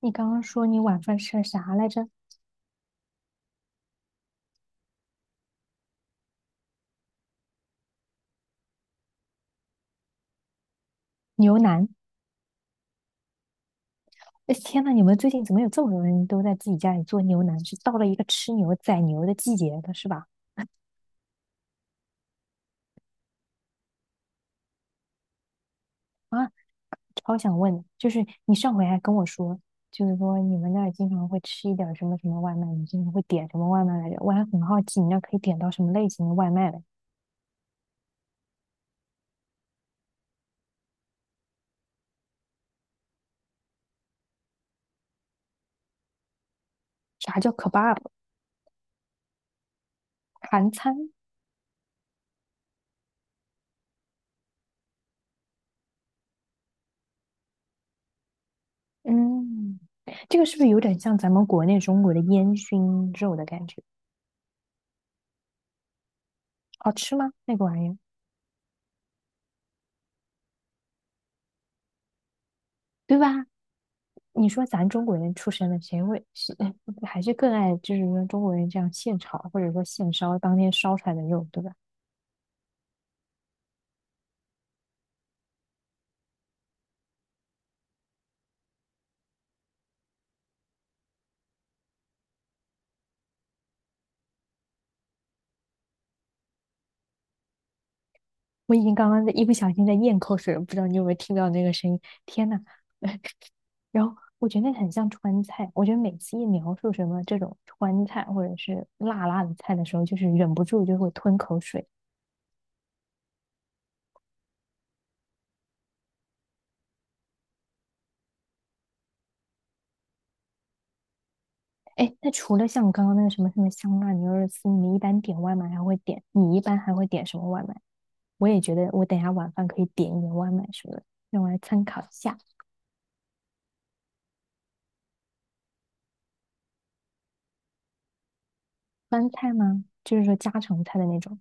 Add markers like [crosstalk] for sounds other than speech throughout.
你刚刚说你晚饭吃了啥来着？牛腩。哎，天呐，你们最近怎么有这么多人都在自己家里做牛腩？是到了一个吃牛宰牛的季节了，是吧？啊，超想问，就是你上回还跟我说，就是说你们那儿经常会吃一点儿什么什么外卖，你经常会点什么外卖来着？我还很好奇，你那儿可以点到什么类型的外卖嘞？啥叫 kebab？ 韩餐？嗯，这个是不是有点像咱们国内中国的烟熏肉的感觉？好吃吗？那个玩意儿，对吧？你说咱中国人出身的，谁会是还是更爱就是说中国人这样现炒或者说现烧当天烧出来的肉，对吧？我已经刚刚在一不小心在咽口水了，不知道你有没有听到那个声音？天呐，[laughs] 然后我觉得那很像川菜，我觉得每次一描述什么这种川菜或者是辣辣的菜的时候，就是忍不住就会吞口水。哎，那除了像刚刚那个什么什么香辣牛肉丝，你一般点外卖还会点？你一般还会点什么外卖？我也觉得我等一下晚饭可以点一点外卖什么的，让我来参考一下。川菜吗？就是说家常菜的那种，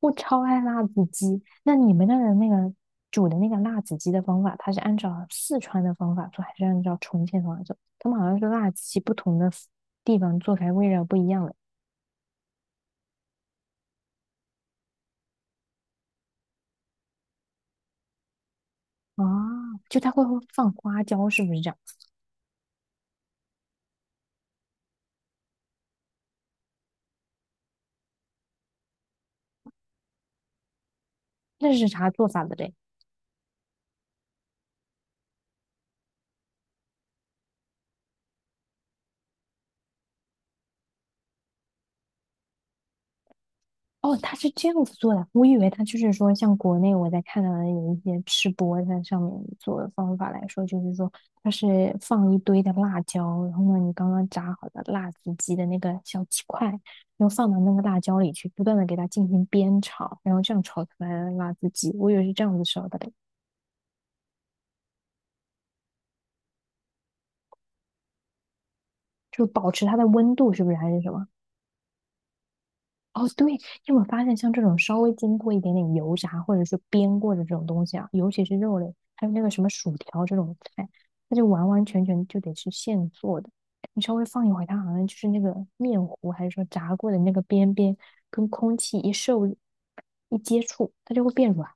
我超爱辣子鸡。那你们那儿的那个煮的那个辣子鸡的方法，它是按照四川的方法做，还是按照重庆的方法做？他们好像是辣子鸡不同的地方做出来味道不一样的。哦，就它会放花椒，是不是这样？那是啥做法的嘞？哦，他是这样子做的，我以为他就是说，像国内我在看到的有一些吃播在上面做的方法来说，就是说它是放一堆的辣椒，然后呢，你刚刚炸好的辣子鸡的那个小鸡块，然后放到那个辣椒里去，不断的给它进行煸炒，然后这样炒出来的辣子鸡，我以为是这样子烧的嘞。就保持它的温度，是不是还是什么？哦，对，你有没有发现，像这种稍微经过一点点油炸或者是煸过的这种东西啊，尤其是肉类，还有那个什么薯条这种菜，它就完完全全就得是现做的。你稍微放一会儿，它好像就是那个面糊还是说炸过的那个边边跟空气一接触，它就会变软。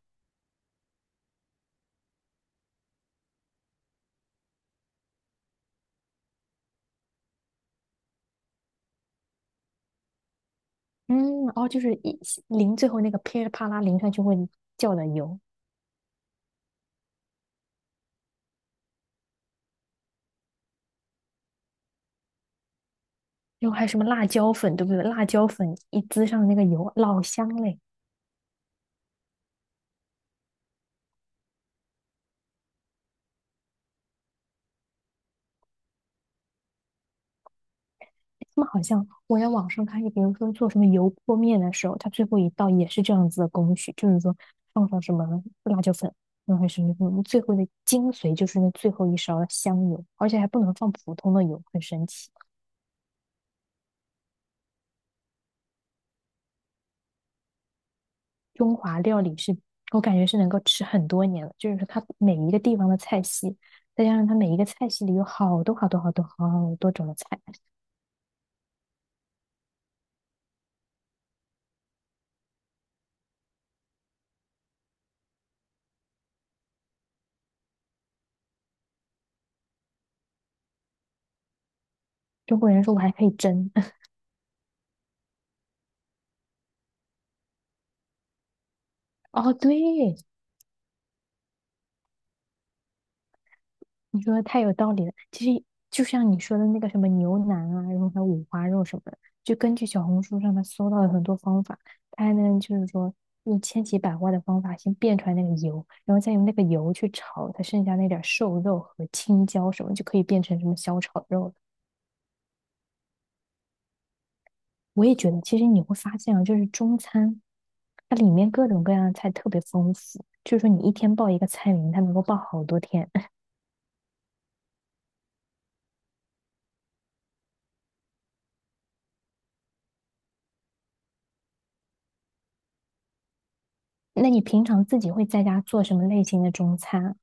嗯，哦，就是一淋最后那个噼里啪啦淋上去会叫的油，然后还有什么辣椒粉，对不对？辣椒粉一滋上那个油，老香嘞。他们好像我在网上看，就比如说做什么油泼面的时候，它最后一道也是这样子的工序，就是说放上什么辣椒粉，然后什么什么，最后的精髓就是那最后一勺的香油，而且还不能放普通的油，很神奇。中华料理是我感觉是能够吃很多年的，就是它每一个地方的菜系，再加上它每一个菜系里有好多好多种的菜。中国人说我还可以蒸，[laughs] 哦，对，你说的太有道理了。其实就像你说的那个什么牛腩啊，然后还有五花肉什么的，就根据小红书上面搜到的很多方法，它能就是说用千奇百怪的方法先变出来那个油，然后再用那个油去炒它剩下那点儿瘦肉和青椒什么，就可以变成什么小炒肉了。我也觉得，其实你会发现啊，就是中餐，它里面各种各样的菜特别丰富，就是说你一天报一个菜名，它能够报好多天。[laughs] 那你平常自己会在家做什么类型的中餐啊？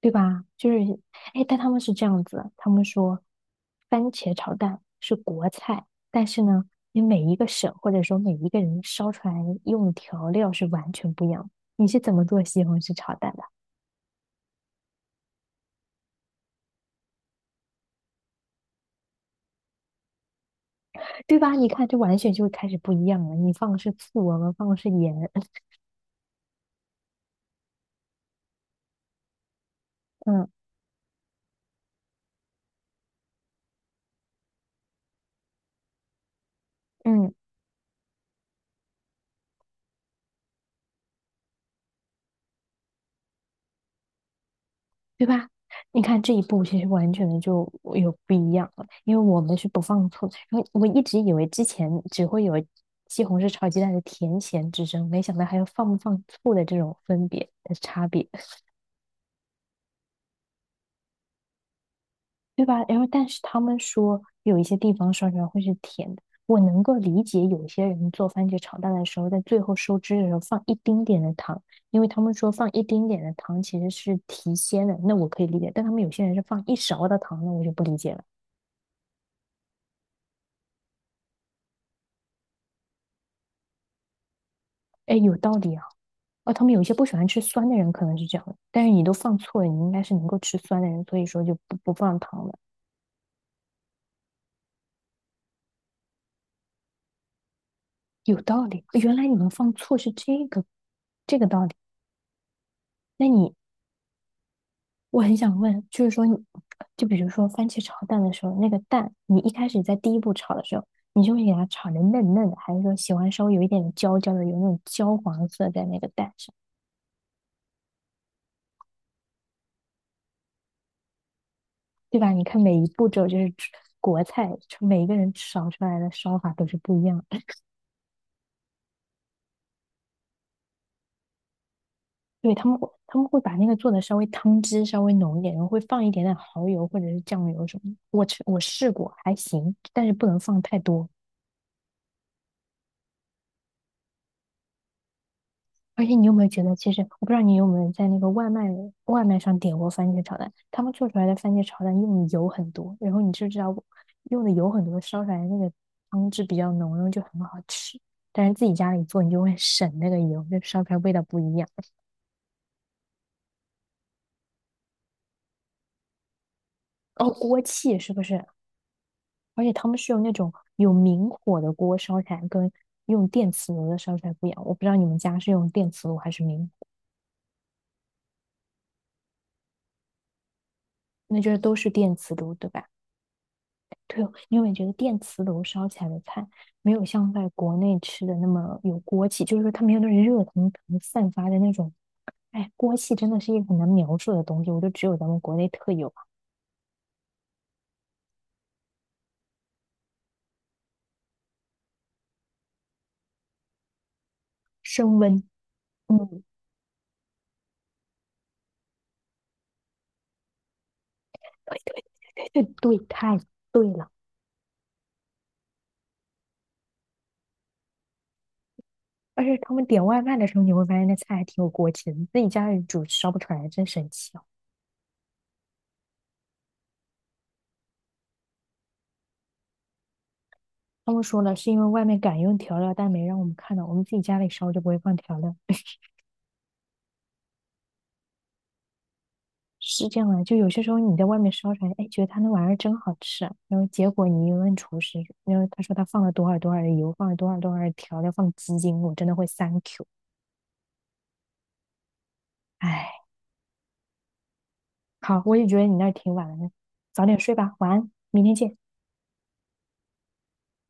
对吧？就是，哎，但他们是这样子，他们说番茄炒蛋是国菜，但是呢，你每一个省或者说每一个人烧出来用的调料是完全不一样的。你是怎么做西红柿炒蛋的？对吧？你看，这完全就开始不一样了。你放的是醋，我们放的是盐。[laughs] 嗯嗯，对吧？你看这一步其实完全的就有不一样了，因为我们是不放醋。然后我一直以为之前只会有西红柿炒鸡蛋的甜咸之争，没想到还有放不放醋的这种分别的差别，对吧？然后但是他们说有一些地方烧出来会是甜的，我能够理解有些人做番茄炒蛋的时候，在最后收汁的时候放一丁点的糖，因为他们说放一丁点的糖其实是提鲜的，那我可以理解。但他们有些人是放一勺的糖，那我就不理解了。哎，有道理啊。哦，他们有一些不喜欢吃酸的人可能是这样的，但是你都放错了，你应该是能够吃酸的人，所以说就不放糖了。有道理，哦原来你们放错是这个这个道理。那你，我很想问，就是说你就比如说番茄炒蛋的时候，那个蛋，你一开始在第一步炒的时候，你就会给它炒的嫩嫩的，还是说喜欢稍微有一点焦焦的，有那种焦黄色在那个蛋上，对吧？你看每一步骤就是吃国菜，每一个人炒出来的烧法都是不一样的。对，他们会把那个做的稍微汤汁稍微浓一点，然后会放一点点蚝油或者是酱油什么的。我吃我试过，还行，但是不能放太多。而且你有没有觉得，其实我不知道你有没有在那个外卖上点过番茄炒蛋，他们做出来的番茄炒蛋用的油很多，然后你就知道用的油很多，烧出来的那个汤汁比较浓，然后就很好吃。但是自己家里做，你就会 [laughs] 省那个油，就烧出来味道不一样。哦，锅气是不是？而且他们是用那种有明火的锅烧起来，跟用电磁炉的烧出来不一样。我不知道你们家是用电磁炉还是明火？那就是都是电磁炉，对吧？对哦，你有没有觉得电磁炉烧起来的菜没有像在国内吃的那么有锅气？就是说它没有那种热腾腾散发的那种，哎，锅气真的是一个很难描述的东西，我就只有咱们国内特有升温。嗯，[laughs] 对对，太对了。而且他们点外卖的时候，你会发现那菜还挺有锅气的，你自己家里煮烧不出来，真神奇。他们说了，是因为外面敢用调料，但没让我们看到，我们自己家里烧就不会放调料，是这样的。就有些时候你在外面烧出来，哎，觉得他那玩意儿真好吃啊，然后结果你一问厨师，然后他说他放了多少多少的油，放了多少多少的调料，放鸡精，我真的会 thank you。哎，好，我也觉得你那儿挺晚了，呢，早点睡吧，晚安，明天见。